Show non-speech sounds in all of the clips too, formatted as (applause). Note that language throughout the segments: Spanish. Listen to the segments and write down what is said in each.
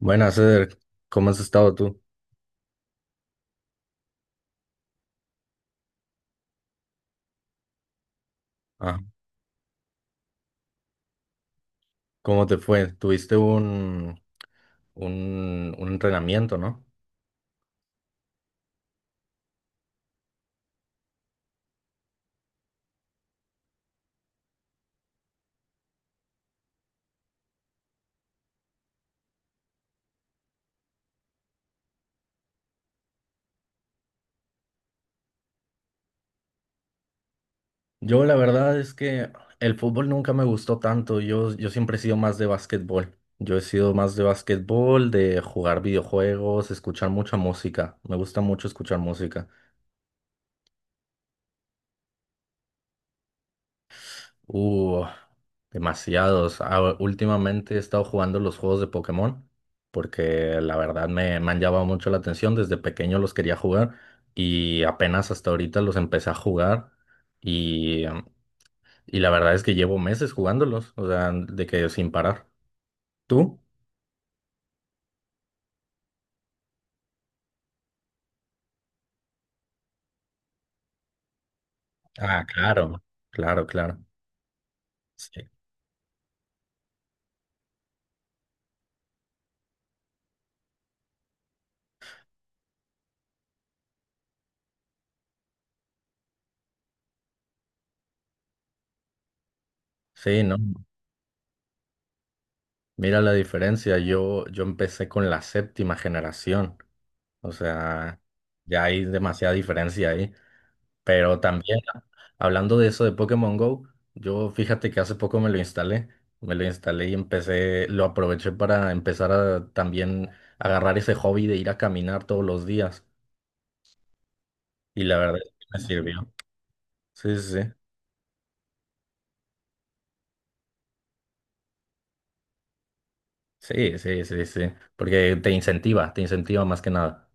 Buenas, Ceder. ¿Cómo has estado tú? Ah, ¿cómo te fue? Tuviste un entrenamiento, ¿no? Yo la verdad es que el fútbol nunca me gustó tanto. Yo siempre he sido más de básquetbol. Yo he sido más de básquetbol, de jugar videojuegos, escuchar mucha música. Me gusta mucho escuchar música. Uh, Demasiados. Ah, últimamente he estado jugando los juegos de Pokémon porque la verdad me han llamado mucho la atención. Desde pequeño los quería jugar y apenas hasta ahorita los empecé a jugar y y la verdad es que llevo meses jugándolos, o sea, de que sin parar. ¿Tú? Ah, claro, claro, claro. Sí, sí, ¿no? Mira la diferencia. Yo empecé con la séptima generación, o sea, ya hay demasiada diferencia ahí. Pero también, hablando de eso de Pokémon Go, yo fíjate que hace poco me lo instalé y empecé, lo aproveché para empezar a también agarrar ese hobby de ir a caminar todos los días. Y la verdad es que me sirvió. Sí, sí, sí, sí, sí, sí, sí, sí, porque te incentiva más que nada.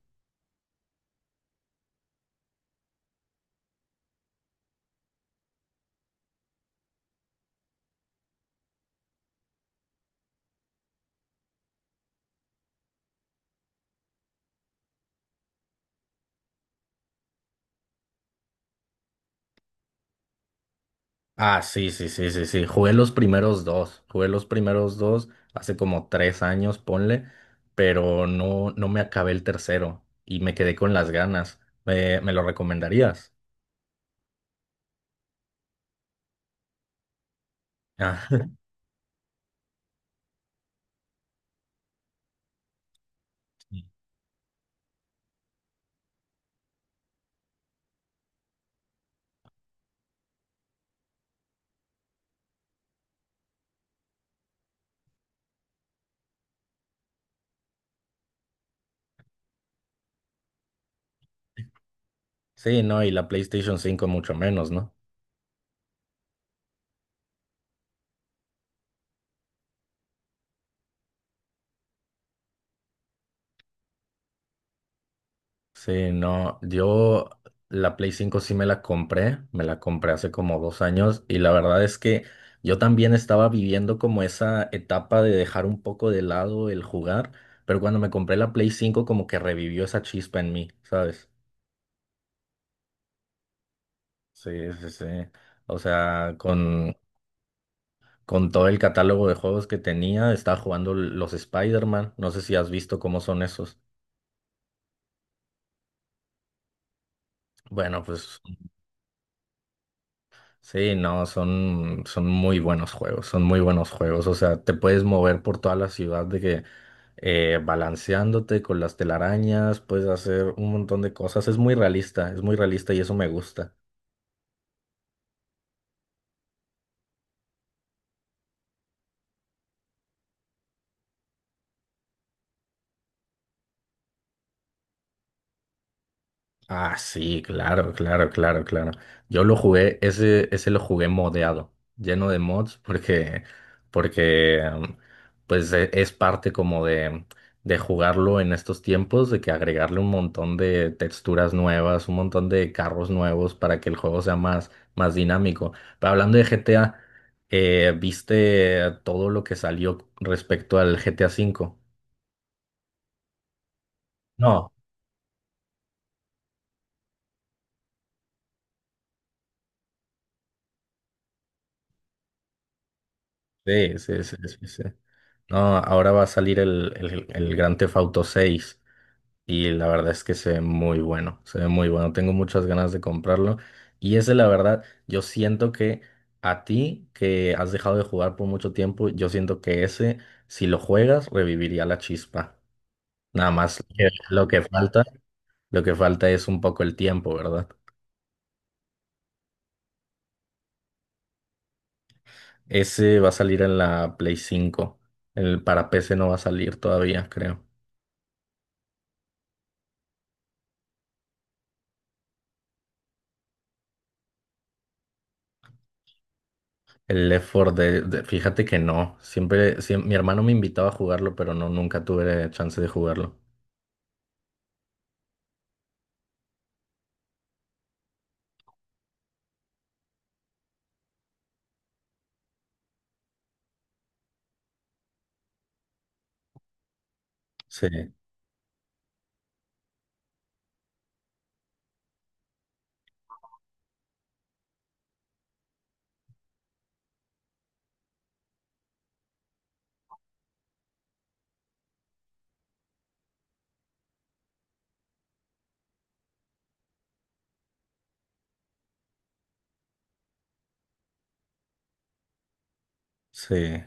Ah, sí, sí, sí, sí, sí. Jugué los primeros dos. Jugué los primeros dos hace como tres años, ponle, pero no, no me acabé el tercero y me quedé con las ganas. Me lo recomendarías? Ah, (laughs) sí, no, y la PlayStation cinco mucho menos, ¿no? Sí, no, yo la Play cinco sí me la compré hace como dos años y la verdad es que yo también estaba viviendo como esa etapa de dejar un poco de lado el jugar, pero cuando me compré la Play cinco como que revivió esa chispa en mí, ¿sabes? Sí, sí, sí. O sea, con todo el catálogo de juegos que tenía, estaba jugando los Spider-Man, no sé si has visto cómo son esos. Bueno, pues sí, no, son, son muy buenos juegos, son muy buenos juegos. O sea, te puedes mover por toda la ciudad de que balanceándote con las telarañas, puedes hacer un montón de cosas. Es muy realista y eso me gusta. Ah, sí, claro, claro, claro, claro. Yo lo jugué, ese lo jugué modeado, lleno de mods, porque pues es parte como de jugarlo en estos tiempos, de que agregarle un montón de texturas nuevas, un montón de carros nuevos para que el juego sea más, más dinámico. Pero hablando de GTA, ¿viste todo lo que salió respecto al GTA cinco? No. Sí, sí, sí, sí, sí. No, ahora va a salir el Grand Theft Auto 6 y la verdad es que se ve muy bueno, se ve muy bueno. Tengo muchas ganas de comprarlo y ese la verdad, yo siento que a ti que has dejado de jugar por mucho tiempo, yo siento que ese, si lo juegas, reviviría la chispa. Nada más que lo que falta es un poco el tiempo, ¿verdad? Ese va a salir en la Play cinco. El para PC no va a salir todavía, creo. El Left 4 Dead, fíjate que no. Siempre, mi hermano me invitaba a jugarlo, pero no, nunca tuve chance de jugarlo. Sí, sí,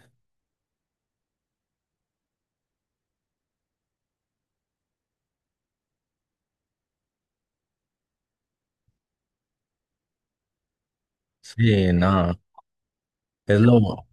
sí, no. Es lo,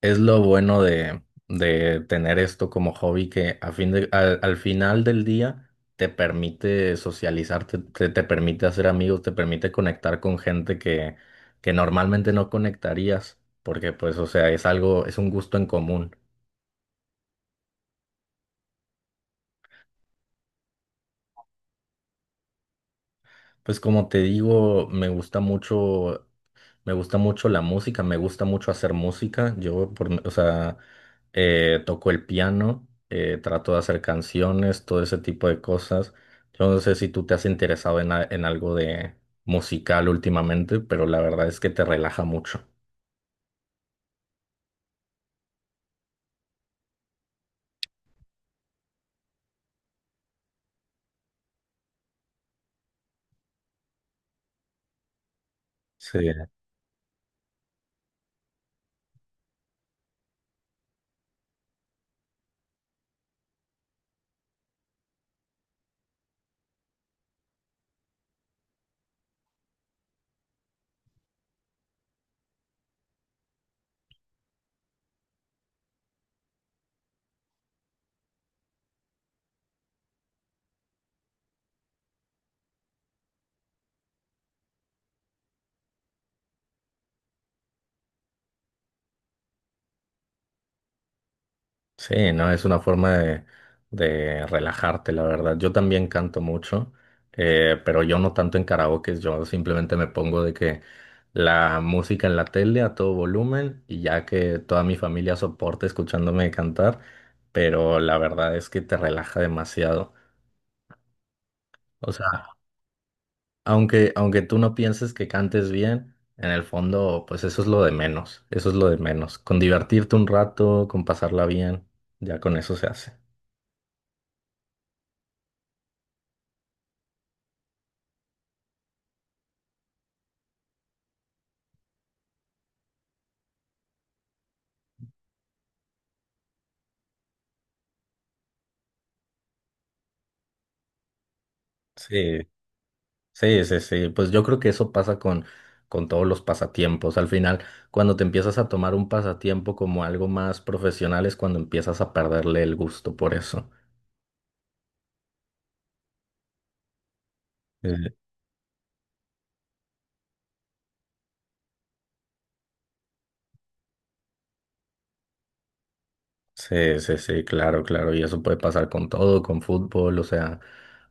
es lo bueno de tener esto como hobby que al, al final del día te permite socializarte, te permite hacer amigos, te permite conectar con gente que normalmente no conectarías, porque pues, o sea, es algo, es un gusto en común. Pues como te digo, me gusta mucho. Me gusta mucho la música, me gusta mucho hacer música. O sea, toco el piano, trato de hacer canciones, todo ese tipo de cosas. Yo no sé si tú te has interesado en algo de musical últimamente, pero la verdad es que te relaja mucho. Sí. Sí, no, es una forma de relajarte, la verdad. Yo también canto mucho, pero yo no tanto en karaoke, yo simplemente me pongo de que la música en la tele a todo volumen y ya que toda mi familia soporte escuchándome cantar, pero la verdad es que te relaja demasiado. O sea, aunque tú no pienses que cantes bien, en el fondo, pues eso es lo de menos, eso es lo de menos. Con divertirte un rato, con pasarla bien, ya con eso se hace. Sí, sí, sí, sí. Pues yo creo que eso pasa con todos los pasatiempos. Al final, cuando te empiezas a tomar un pasatiempo como algo más profesional, es cuando empiezas a perderle el gusto por eso. Eh, Sí, sí, sí, claro, claro. Y eso puede pasar con todo, con fútbol. O sea,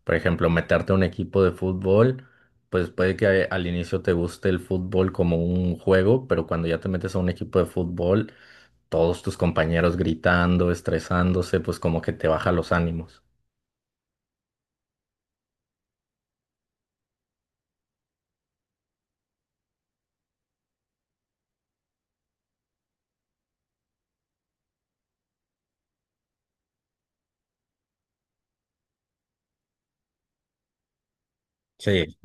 por ejemplo, meterte a un equipo de fútbol, pues puede que al inicio te guste el fútbol como un juego, pero cuando ya te metes a un equipo de fútbol, todos tus compañeros gritando, estresándose, pues como que te baja los ánimos. Sí,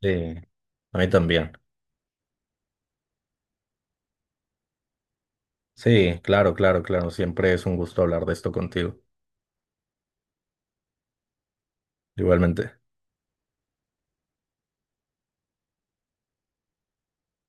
sí, a mí también. Sí, claro, claro, claro. Siempre es un gusto hablar de esto contigo. Igualmente.